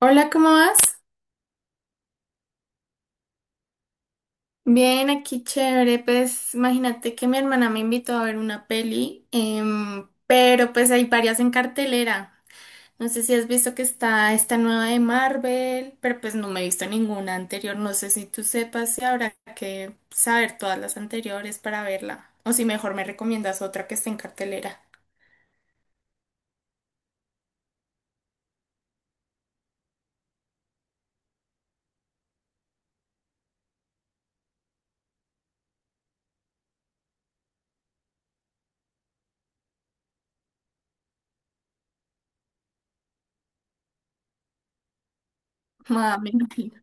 Hola, ¿cómo vas? Bien, aquí chévere. Pues imagínate que mi hermana me invitó a ver una peli, pero pues hay varias en cartelera. No sé si has visto que está esta nueva de Marvel, pero pues no me he visto ninguna anterior. No sé si tú sepas si habrá que saber todas las anteriores para verla, o si mejor me recomiendas otra que esté en cartelera. Ah, me imagino.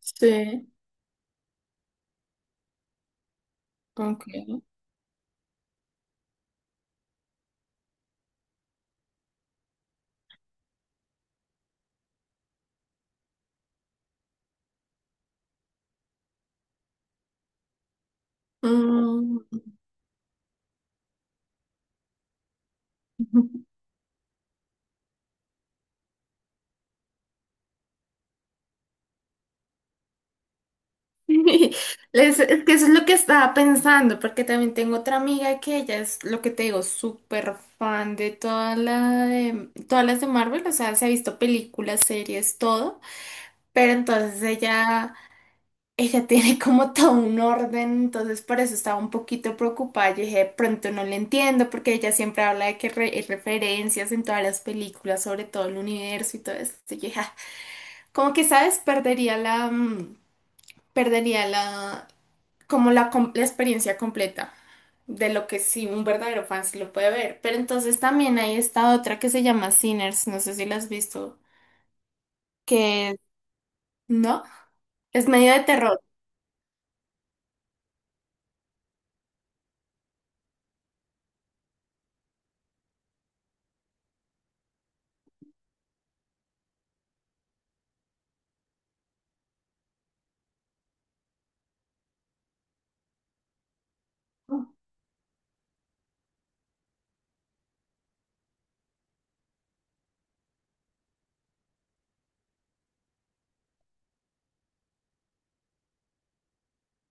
Sí, ok. Mm. Es que eso es lo que estaba pensando, porque también tengo otra amiga que ella es lo que te digo, súper fan de todas las de Marvel, o sea, se ha visto películas, series, todo, pero entonces ella tiene como todo un orden, entonces por eso estaba un poquito preocupada. Yo dije, "De pronto no le entiendo, porque ella siempre habla de que hay referencias en todas las películas, sobre todo el universo y todo eso". Y yo dije, "Ah, como que, ¿sabes? Perdería perdería la la experiencia completa de lo que sí un verdadero fan sí lo puede ver". Pero entonces también hay esta otra que se llama Sinners, no sé si la has visto, que no, es medio de terror.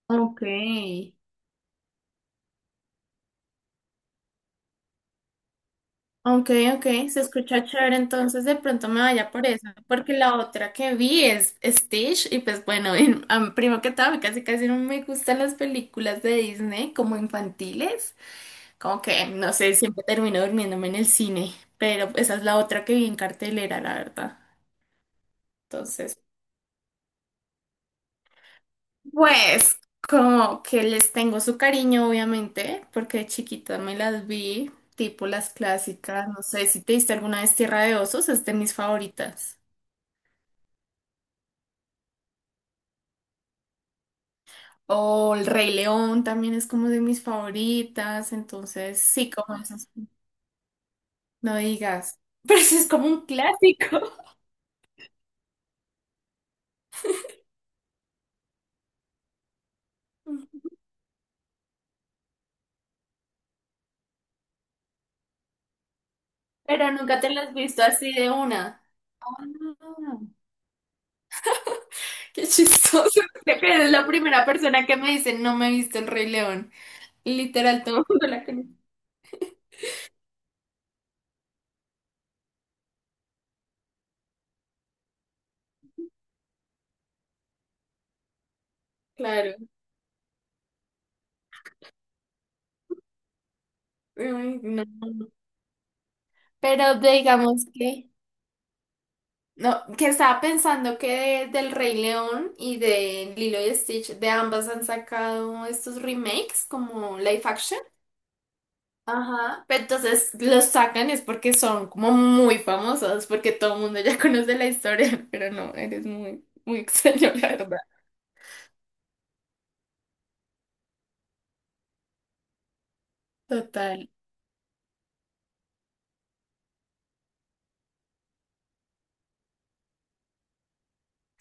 Ok. Ok, ok, se escucha chévere, entonces de pronto me vaya por eso, porque la otra que vi es Stitch y pues bueno, primero que todo, a mí casi casi no me gustan las películas de Disney como infantiles. Como que, no sé, siempre termino durmiéndome en el cine, pero esa es la otra que vi en cartelera, la verdad. Entonces, pues, como que les tengo su cariño, obviamente, porque de chiquita me las vi, tipo las clásicas, no sé si te diste alguna vez Tierra de Osos, es de mis favoritas. O El Rey León también es como de mis favoritas, entonces, sí, como esas, no digas, pero sí es como un clásico, pero nunca te las has visto así de una. Ah. Qué chistoso. Creo que eres la primera persona que me dice no me he visto el Rey León. Literal, todo el mundo la conoce. Claro. Ay, no. Pero digamos que, no, que estaba pensando que del Rey León y de Lilo y Stitch, de ambas han sacado estos remakes como live action. Ajá. Pero entonces los sacan es porque son como muy famosos, porque todo el mundo ya conoce la historia, pero no, eres muy, muy extraño, la verdad. Total.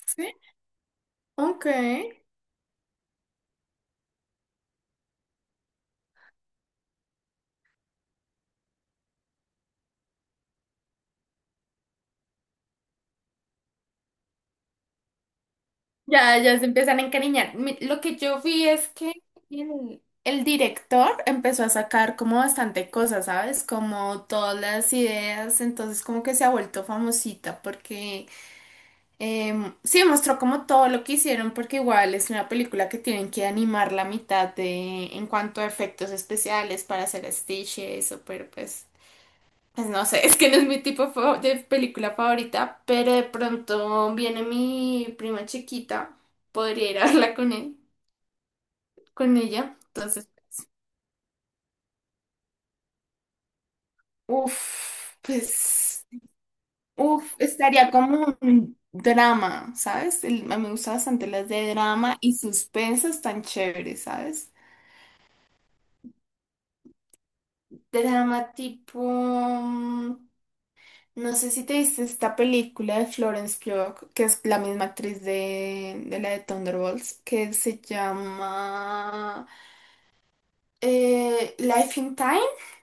Sí. Ok. Ya, ya se empiezan a encariñar. Lo que yo vi es que el director empezó a sacar como bastante cosas, ¿sabes? Como todas las ideas, entonces como que se ha vuelto famosita porque sí mostró como todo lo que hicieron porque igual es una película que tienen que animar la mitad de en cuanto a efectos especiales para hacer Stitch y eso, pero pues... Pues no sé, es que no es mi de película favorita, pero de pronto viene mi prima chiquita, podría ir a verla con él, con ella. Entonces, pues, uff, estaría como un drama, ¿sabes? A mí me gustan bastante las de drama y suspenso están chéveres, ¿sabes? Drama tipo no sé si te viste esta película de Florence Pugh, que es la misma actriz de la de Thunderbolts, que se llama Life in Time,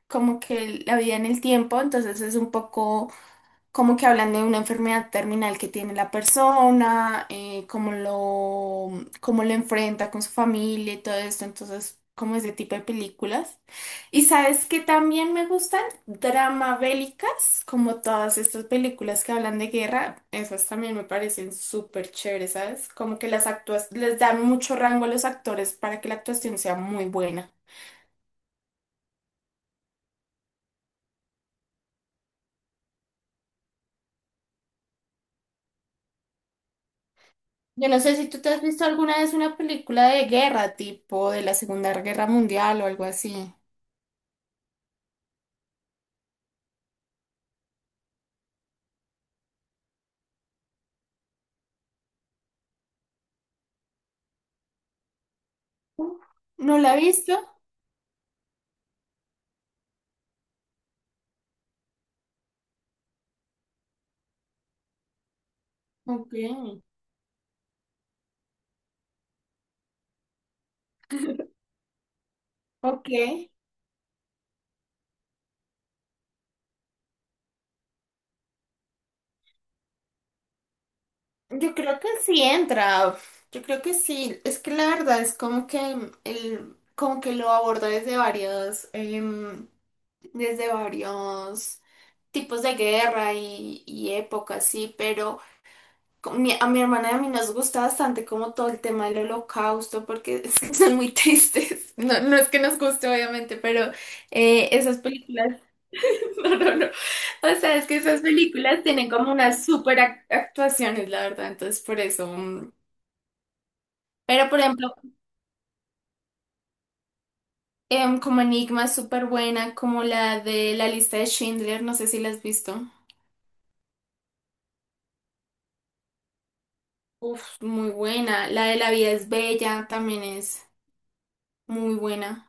como que la vida en el tiempo, entonces es un poco como que hablan de una enfermedad terminal que tiene la persona, cómo lo enfrenta con su familia y todo esto, entonces como ese tipo de películas. Y sabes que también me gustan drama bélicas, como todas estas películas que hablan de guerra, esas también me parecen súper chéveres, ¿sabes? Como que las actúas, les dan mucho rango a los actores para que la actuación sea muy buena. Yo no sé si tú te has visto alguna vez una película de guerra, tipo de la Segunda Guerra Mundial o algo así. Uh, ¿No la ha visto? Ok, ok. Yo creo que sí entra. Yo creo que sí. Es que la verdad es como que el, como que lo aborda desde varios, desde varios tipos de guerra y épocas, sí, pero con a mi hermana y a mí nos gusta bastante como todo el tema del holocausto, porque son muy tristes. No, no es que nos guste, obviamente, pero esas películas. No, no, no. O sea, es que esas películas tienen como unas super actuaciones, la verdad, entonces por eso. Mm. Pero por ejemplo, como Enigma es súper buena, como la de la lista de Schindler, no sé si la has visto. Uf, muy buena. La de La vida es bella también es muy buena.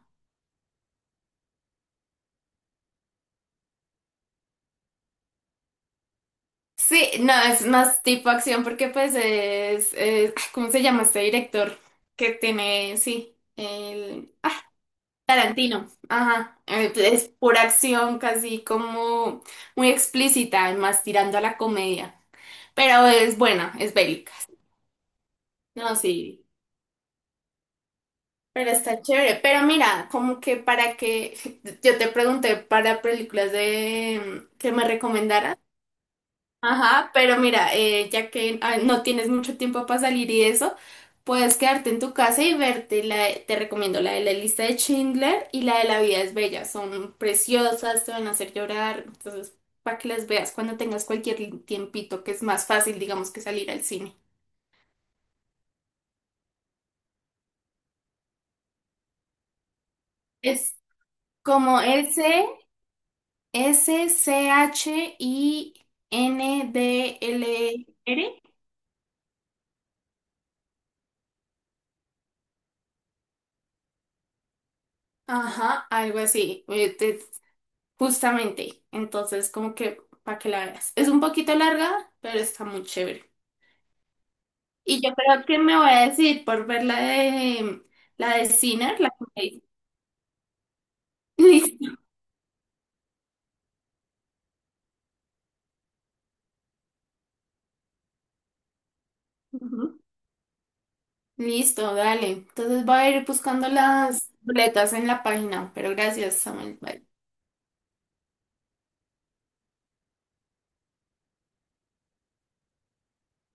Sí, no, es más tipo acción porque pues ¿cómo se llama este director? Que tiene, sí, el... Tarantino, ajá, es por acción casi como muy explícita, más tirando a la comedia, pero es buena, es bélica. No, sí, pero está chévere. Pero mira, como que para que yo te pregunté para películas de que me recomendaras. Ajá, pero mira, ya que ah, no tienes mucho tiempo para salir y eso, puedes quedarte en tu casa y verte te recomiendo la de la lista de Schindler y la de La vida es bella, son preciosas, te van a hacer llorar, entonces para que las veas cuando tengas cualquier tiempito, que es más fácil, digamos, que salir al cine. Es como Schindler. Ajá, algo así. Justamente, entonces como que para que la veas. Es un poquito larga, pero está muy chévere. Y yo creo que me voy a decidir por ver la de Sinner, la que me dice. Listo. Ujú. Listo, dale. Entonces voy a ir buscando las boletas en la página, pero gracias, Samuel. Bye.